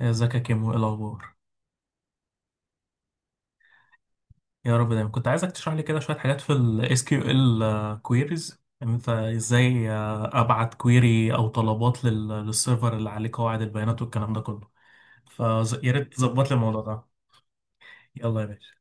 ازيك يا كيمو، ايه الاخبار؟ يا رب دايما. كنت عايزك تشرح لي كده شويه حاجات في ال SQL queries، ان انت ازاي ابعت كويري او طلبات للسيرفر اللي عليه قواعد البيانات والكلام ده كله. فيا ريت تظبط لي الموضوع ده. يلا يا باشا.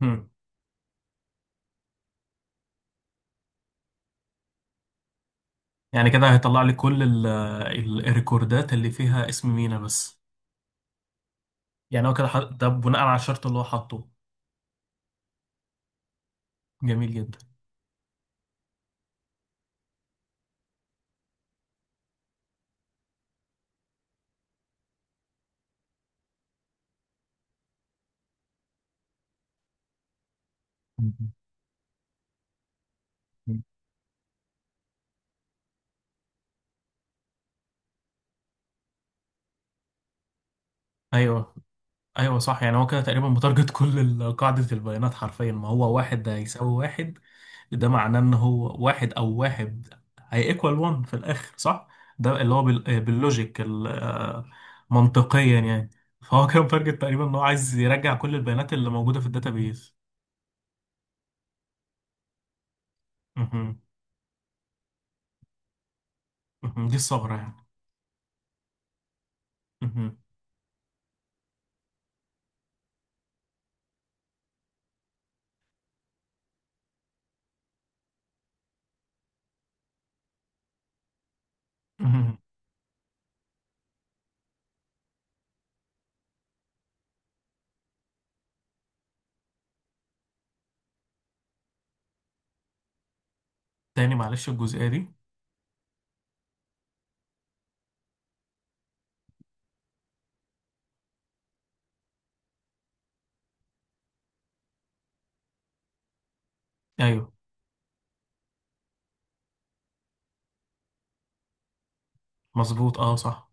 مم. يعني كده هيطلع لي كل الريكوردات اللي فيها اسم مينا بس. يعني هو كده ده بناء على الشرط اللي هو حاطه. جميل جدا. مم. ايوه. ايوه صح، يعني هو كده تقريبا متارجت كل قاعده البيانات حرفيا، ما هو واحد ده يساوي واحد. ده معناه ان هو واحد او واحد. هي ايكوال 1 في الاخر صح؟ ده اللي هو باللوجيك منطقيا يعني. فهو كان تارجت تقريبا ان هو عايز يرجع كل البيانات اللي موجوده في الداتابيز. مهم. مهم. دي الثغره يعني. مهم. مهم. تاني معلش الجزئيه دي. ايوه مظبوط اه صح.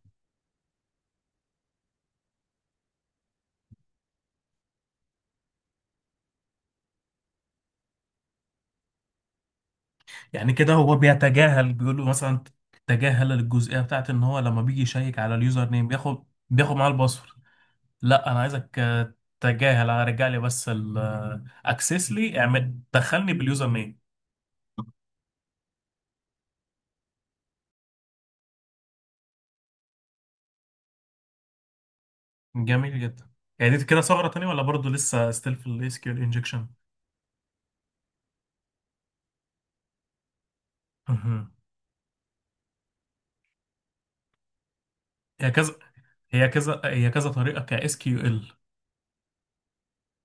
يعني كده هو بيتجاهل، بيقول له مثلا تجاهل الجزئيه بتاعت ان هو لما بيجي يشيك على اليوزر نيم بياخد، بياخد معاه الباسورد. لا انا عايزك تجاهل، انا رجع لي بس الاكسس، لي اعمل دخلني باليوزر نيم. جميل جدا. يعني دي كده ثغرة تانية ولا برضو لسه ستيل في الاس كيو ال انجكشن؟ مهم. هي كذا هي كذا طريقة ك اس كيو ال.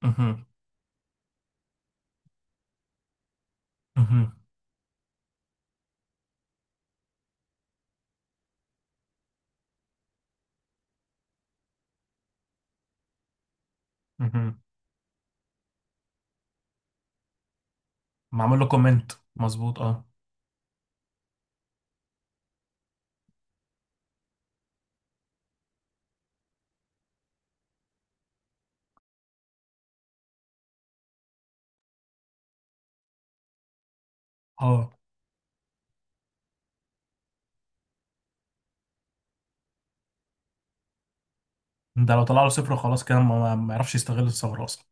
مهم. مهم. مهم. معمول له كومنت مظبوط اه. اه. ده لو طلع له صفر خلاص كده ما يعرفش يستغل الثغرة اصلا.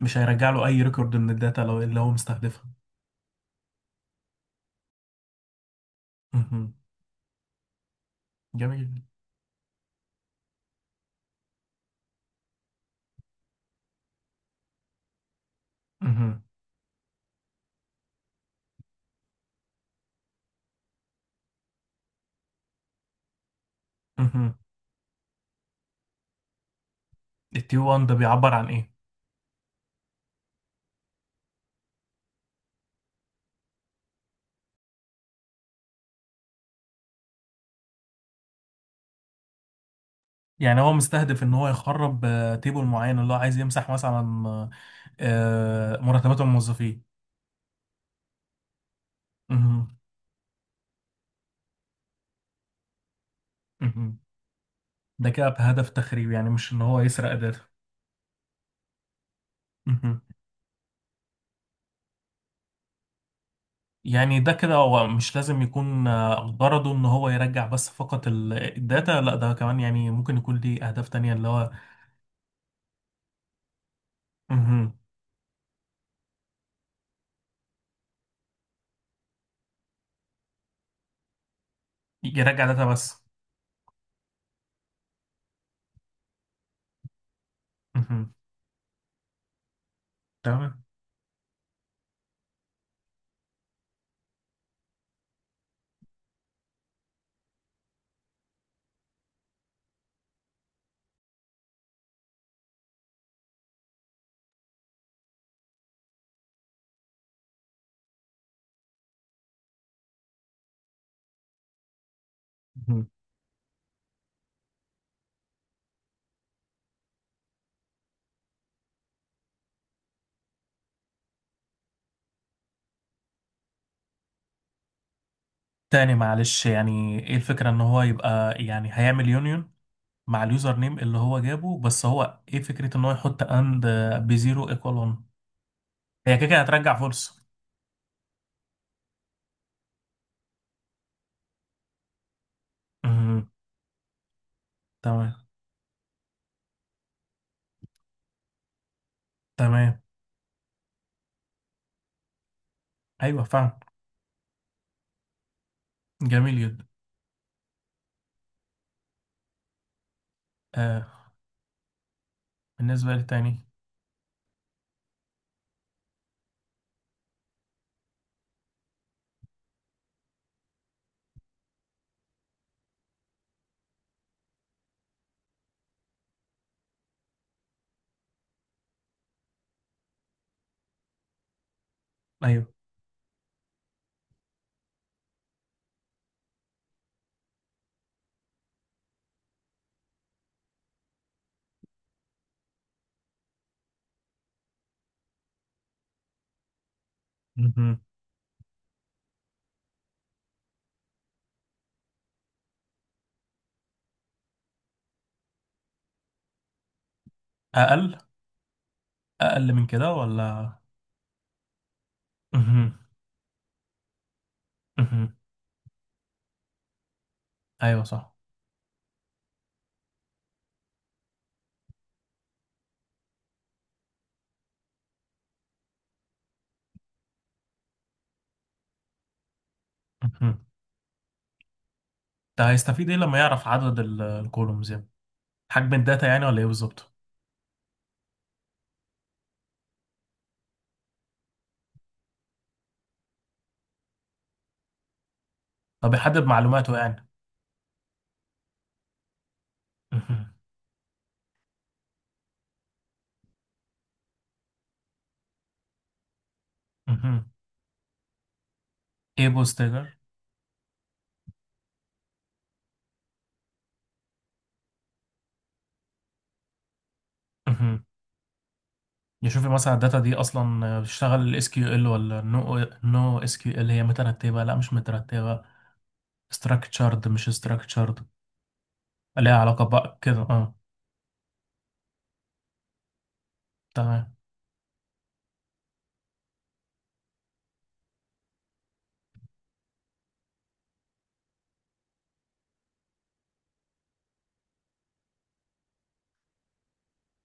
مش هيرجع له اي ريكورد من الداتا لو اللي هو مستهدفها. مهم. جميل. مهم. مهم. التي 1 ده بيعبر عن ايه؟ يعني هو مستهدف ان هو يخرب تيبل معين اللي هو عايز يمسح مثلا آه، مرتبات الموظفين. مهم. مهم. ده كده بهدف تخريب يعني، مش ان هو يسرق داتا. مهم. يعني ده كده هو مش لازم يكون غرضه ان هو يرجع بس فقط الداتا، لا ده كمان يعني ممكن يكون ليه اهداف تانية اللي هو. مهم. يرجع داتا بس. مهم. تمام. مهم. تاني معلش، يعني ايه الفكرة ان هو يبقى يعني هيعمل يونيون مع اليوزر نيم اللي هو جابه؟ بس هو ايه فكرة ان هو يحط اند بزيرو ايكوال 1؟ هي كده كده هترجع فرصة. مهم. تمام. تمام. ايوه فاهم. جميل جدا. آه. بالنسبة للتاني. ايوه. مهم. اقل. اقل من كده ولا؟ مهم. مهم. ايوه صح. مهم. ده هيستفيد ايه لما يعرف عدد الكولومز يعني؟ حجم الداتا يعني ولا ايه بالظبط؟ طب يحدد معلوماته يعني. مهم. مهم. ايه بوستجر؟ يشوف مثلا الداتا دي اصلا بتشتغل الاس كيو ال ولا نو نو اس كيو ال، هي مترتبه لا مش مترتبه. structured مش structured. ليها علاقه بقى كده اه. تمام.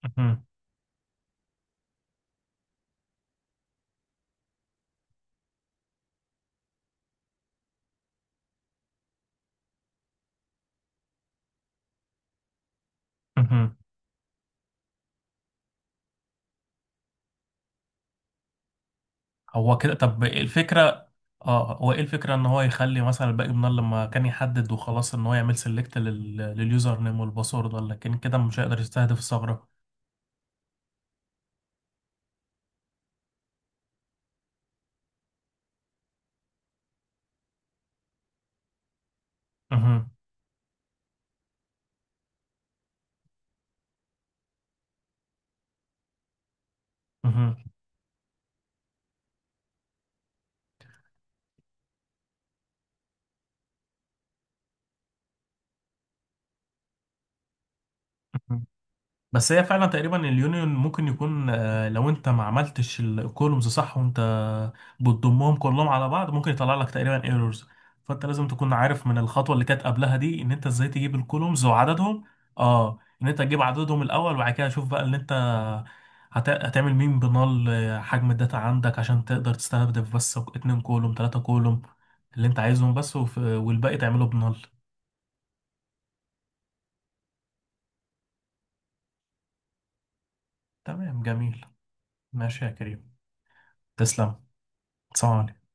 مهم. مهم. هو كده. طب إيه الفكره؟ اه هو ايه الفكره ان هو يخلي مثلا الباقي من لما كان يحدد وخلاص ان هو يعمل سيلكت لليوزر نيم والباسورد، ولا كان كده مش هيقدر يستهدف الثغره؟ مهم. مهم. بس هي فعلا تقريبا اليونيون ممكن يكون لو انت ما عملتش الكولومز صح وانت بتضمهم كلهم على بعض ممكن يطلع لك تقريبا ايرورز. فانت لازم تكون عارف من الخطوه اللي كانت قبلها دي ان انت ازاي تجيب الكولومز وعددهم. اه ان انت تجيب عددهم الاول، وبعد كده شوف بقى اللي انت هتعمل مين بنال حجم الداتا عندك عشان تقدر تستهدف بس 2 كولوم 3 كولوم اللي انت عايزهم بس، والباقي تعمله بنال. تمام جميل. ماشي يا كريم. تسلم. سلام عليكم.